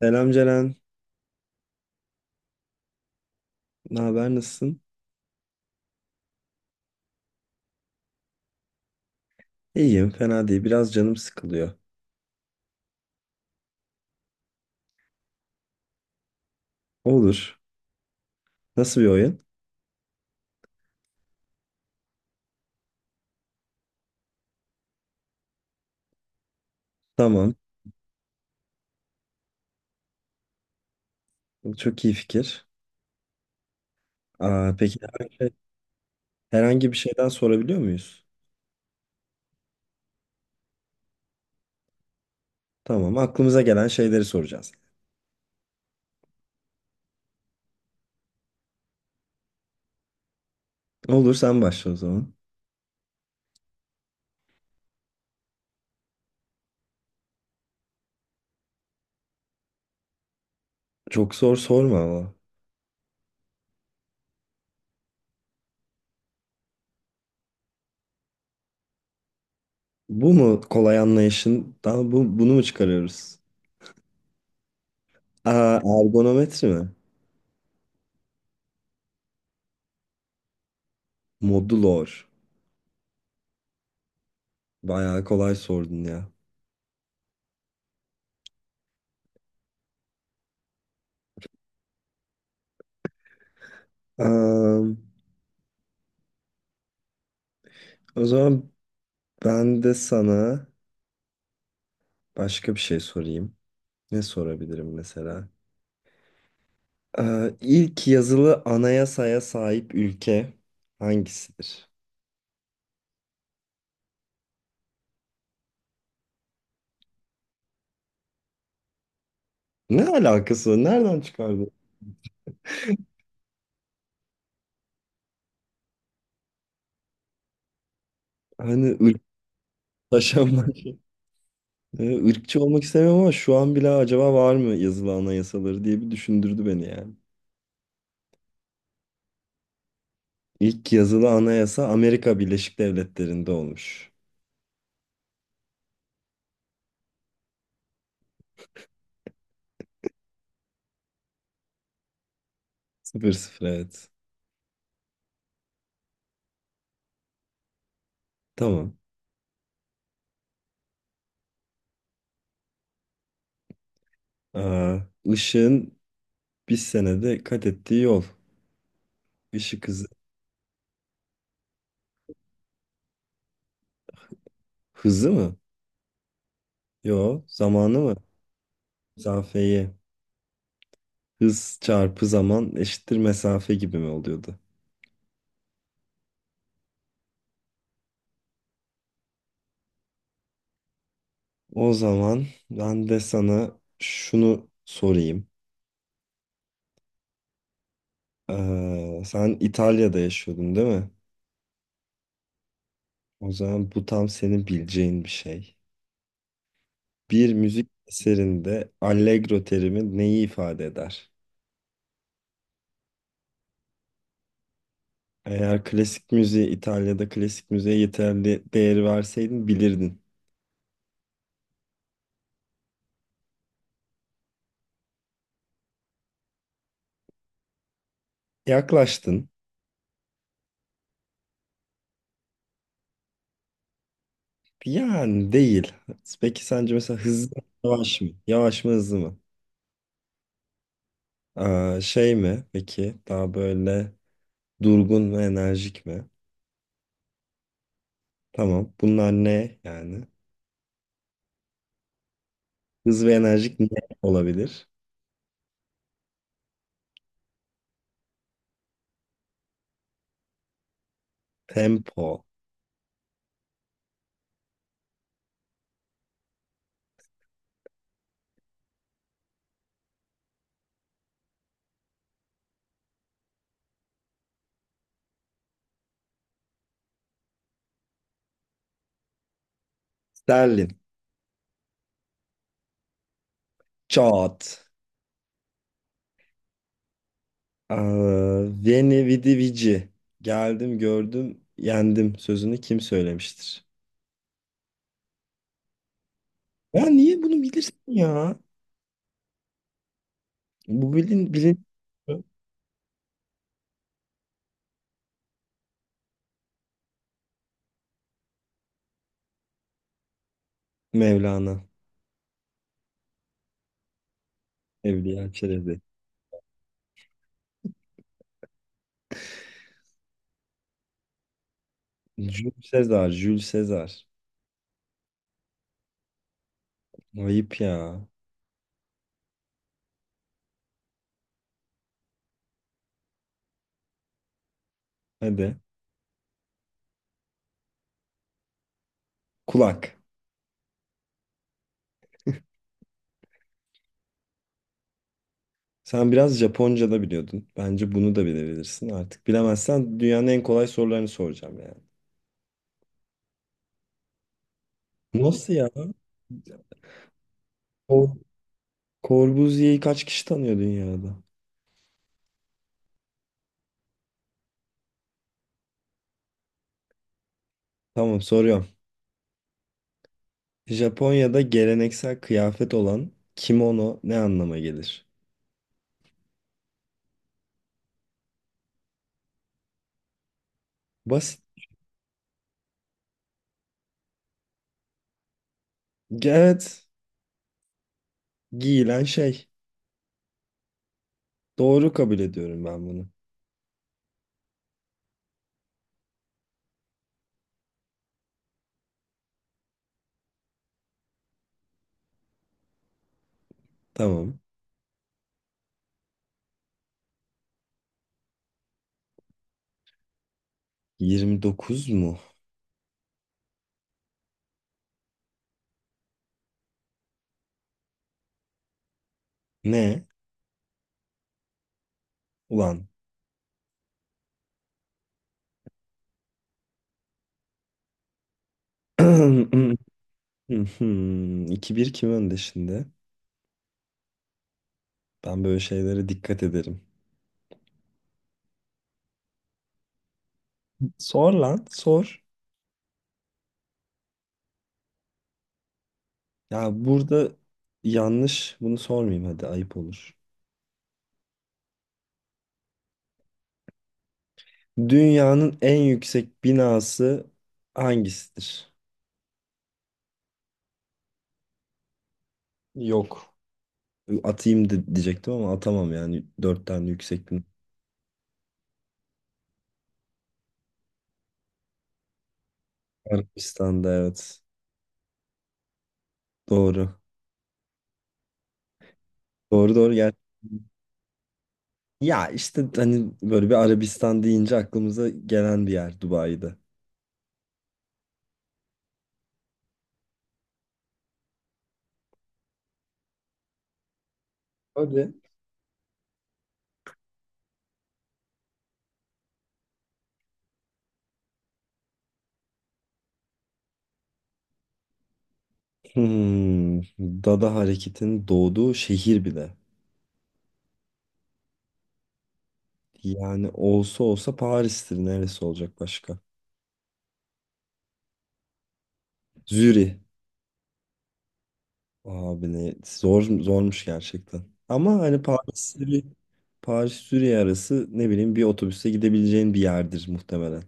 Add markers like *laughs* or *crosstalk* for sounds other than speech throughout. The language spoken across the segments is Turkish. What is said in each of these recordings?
Selam Ceren. Ne haber? Nasılsın? İyiyim. Fena değil. Biraz canım sıkılıyor. Olur. Nasıl bir oyun? Tamam. Çok iyi fikir. Aa, peki herhangi bir şeyden sorabiliyor muyuz? Tamam. Aklımıza gelen şeyleri soracağız. Olur. Sen başla o zaman. Çok zor sorma ama. Bu mu kolay anlayışından bunu mu çıkarıyoruz? Aa, ergonometri mi? Modulor. Bayağı kolay sordun ya. Aa, o zaman ben de sana başka bir şey sorayım. Ne sorabilirim mesela? İlk yazılı anayasaya sahip ülke hangisidir? Ne alakası var? Nereden çıkardı? Hani ırklaşanmak. Irkçı *laughs* olmak istemiyorum ama şu an bile acaba var mı yazılı anayasaları diye bir düşündürdü beni yani. İlk yazılı anayasa Amerika Birleşik Devletleri'nde olmuş. Sıfır sıfır, evet. Tamam. Aa, ışığın bir senede kat ettiği yol. Işık hızı. Hızı mı? Yo, zamanı mı? Mesafeyi. Hız çarpı zaman eşittir mesafe gibi mi oluyordu? O zaman ben de sana şunu sorayım. Sen İtalya'da yaşıyordun değil mi? O zaman bu tam senin bileceğin bir şey. Bir müzik eserinde allegro terimi neyi ifade eder? Eğer klasik müziğe, İtalya'da klasik müziğe yeterli değeri verseydin bilirdin. Yaklaştın. Yani değil. Peki sence mesela hızlı mı, yavaş mı? Yavaş mı, hızlı mı? Aa, şey mi peki? Daha böyle durgun ve enerjik mi? Tamam. Bunlar ne yani? Hız ve enerjik ne olabilir? Tempo. Sterlin. Çat. Aa, Veni vidi vici. Geldim gördüm yendim sözünü kim söylemiştir? Ya niye bunu bilirsin ya? Bu bilin bilin Mevlana. Evliya Çelebi. Jules Sezar. Jules Sezar. Ayıp ya. Hadi. Kulak. Sen biraz Japonca da biliyordun. Bence bunu da bilebilirsin artık. Bilemezsen dünyanın en kolay sorularını soracağım yani. Nasıl ya? Cor Corbusier'i kaç kişi tanıyor dünyada? Tamam, soruyorum. Japonya'da geleneksel kıyafet olan kimono ne anlama gelir? Basit. Evet. Giyilen şey. Doğru kabul ediyorum ben bunu. Tamam. 29 mu? Ne? Ulan. *clears throat* 2-1 kim önde şimdi? Ben böyle şeylere dikkat ederim. Sor lan, sor. Ya burada yanlış, bunu sormayayım, hadi ayıp olur. Dünyanın en yüksek binası hangisidir? Yok. Atayım de diyecektim ama atamam yani. Dört tane yüksek bina. Arabistan'da, evet. Doğru. Doğru gel. Ya işte hani böyle bir Arabistan deyince aklımıza gelen bir yer Dubai'de. Öyle. Hmm, Dada hareketin doğduğu şehir bile. Yani olsa olsa Paris'tir. Neresi olacak başka? Zürih. Abi ne zor zormuş gerçekten. Ama hani Paris Zürih arası ne bileyim bir otobüse gidebileceğin bir yerdir muhtemelen.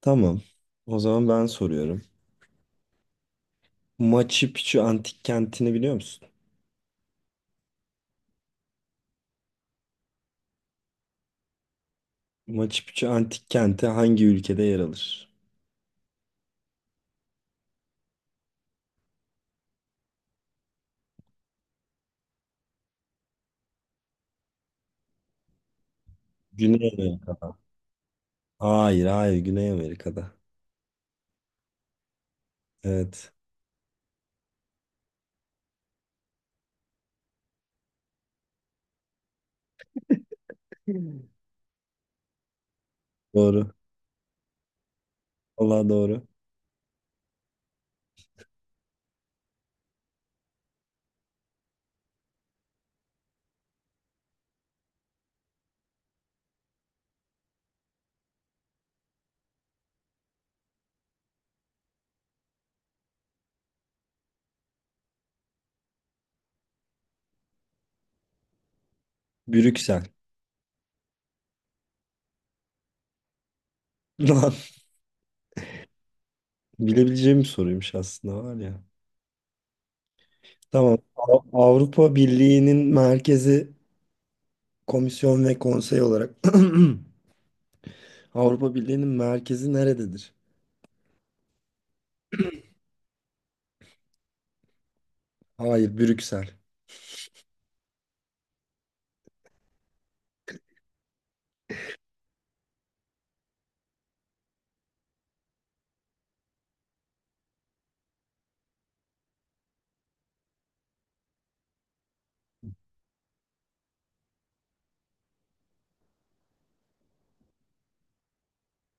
Tamam. O zaman ben soruyorum. Machu Picchu antik kentini biliyor musun? Machu Picchu antik kenti hangi ülkede yer alır? Güney Amerika'da. Hayır, hayır, Güney Amerika'da. Evet. Hmm. Doğru. Vallahi doğru. Brüksel. *laughs* Lan, bilebileceğim bir soruymuş aslında var ya. Tamam. Avrupa Birliği'nin merkezi komisyon ve konsey olarak *clears throat* Avrupa Birliği'nin merkezi nerededir? Hayır, Brüksel.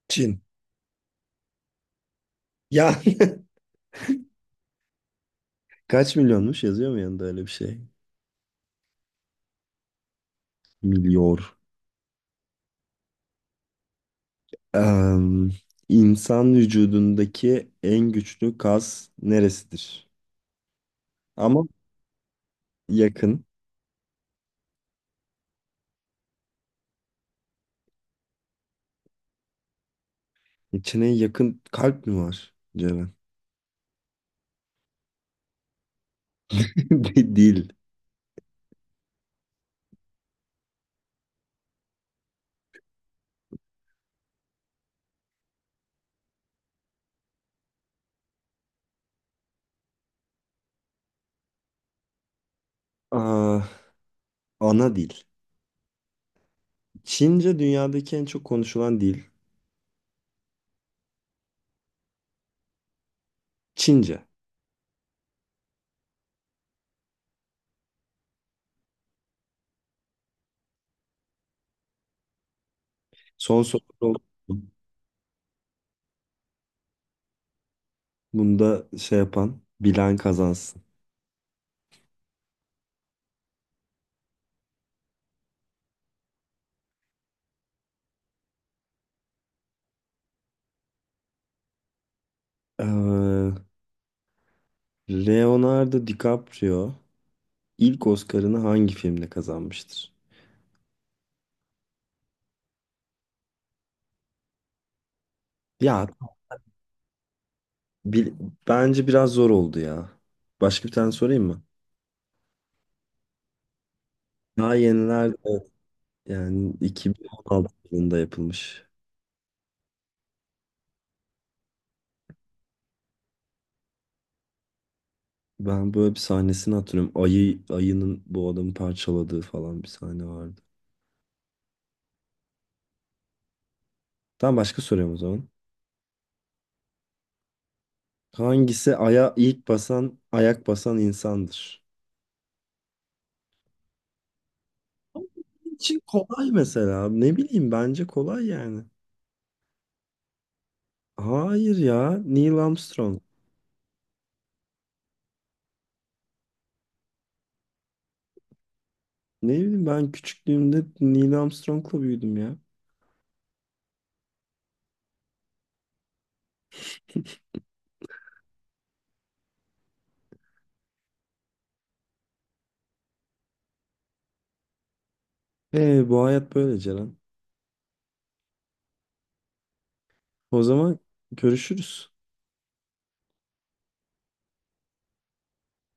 Çin. Ya *laughs* kaç milyonmuş, yazıyor mu yanında öyle bir şey? Milyor. Em, insan vücudundaki en güçlü kas neresidir? Ama yakın. İçine yakın kalp mi var? Cevap. Değil. *laughs* Aa, ana dil. Çince dünyadaki en çok konuşulan dil. Çince. Son soru oldu. Bunda şey yapan bilen kazansın. Ee, Leonardo DiCaprio ilk Oscar'ını hangi filmle kazanmıştır? Ya bil- bence biraz zor oldu ya. Başka bir tane sorayım mı? Daha yenilerde yani 2016 yılında yapılmış. Ben böyle bir sahnesini hatırlıyorum. Ayının bu adamı parçaladığı falan bir sahne vardı. Tamam, başka soruyorum o zaman. Hangisi aya ilk basan, ayak basan insandır? Benim için kolay mesela. Ne bileyim, bence kolay yani. Hayır ya, Neil Armstrong. Ne bileyim, ben küçüklüğümde Neil Armstrong'la büyüdüm ya. E bu hayat böyle Ceren. O zaman görüşürüz.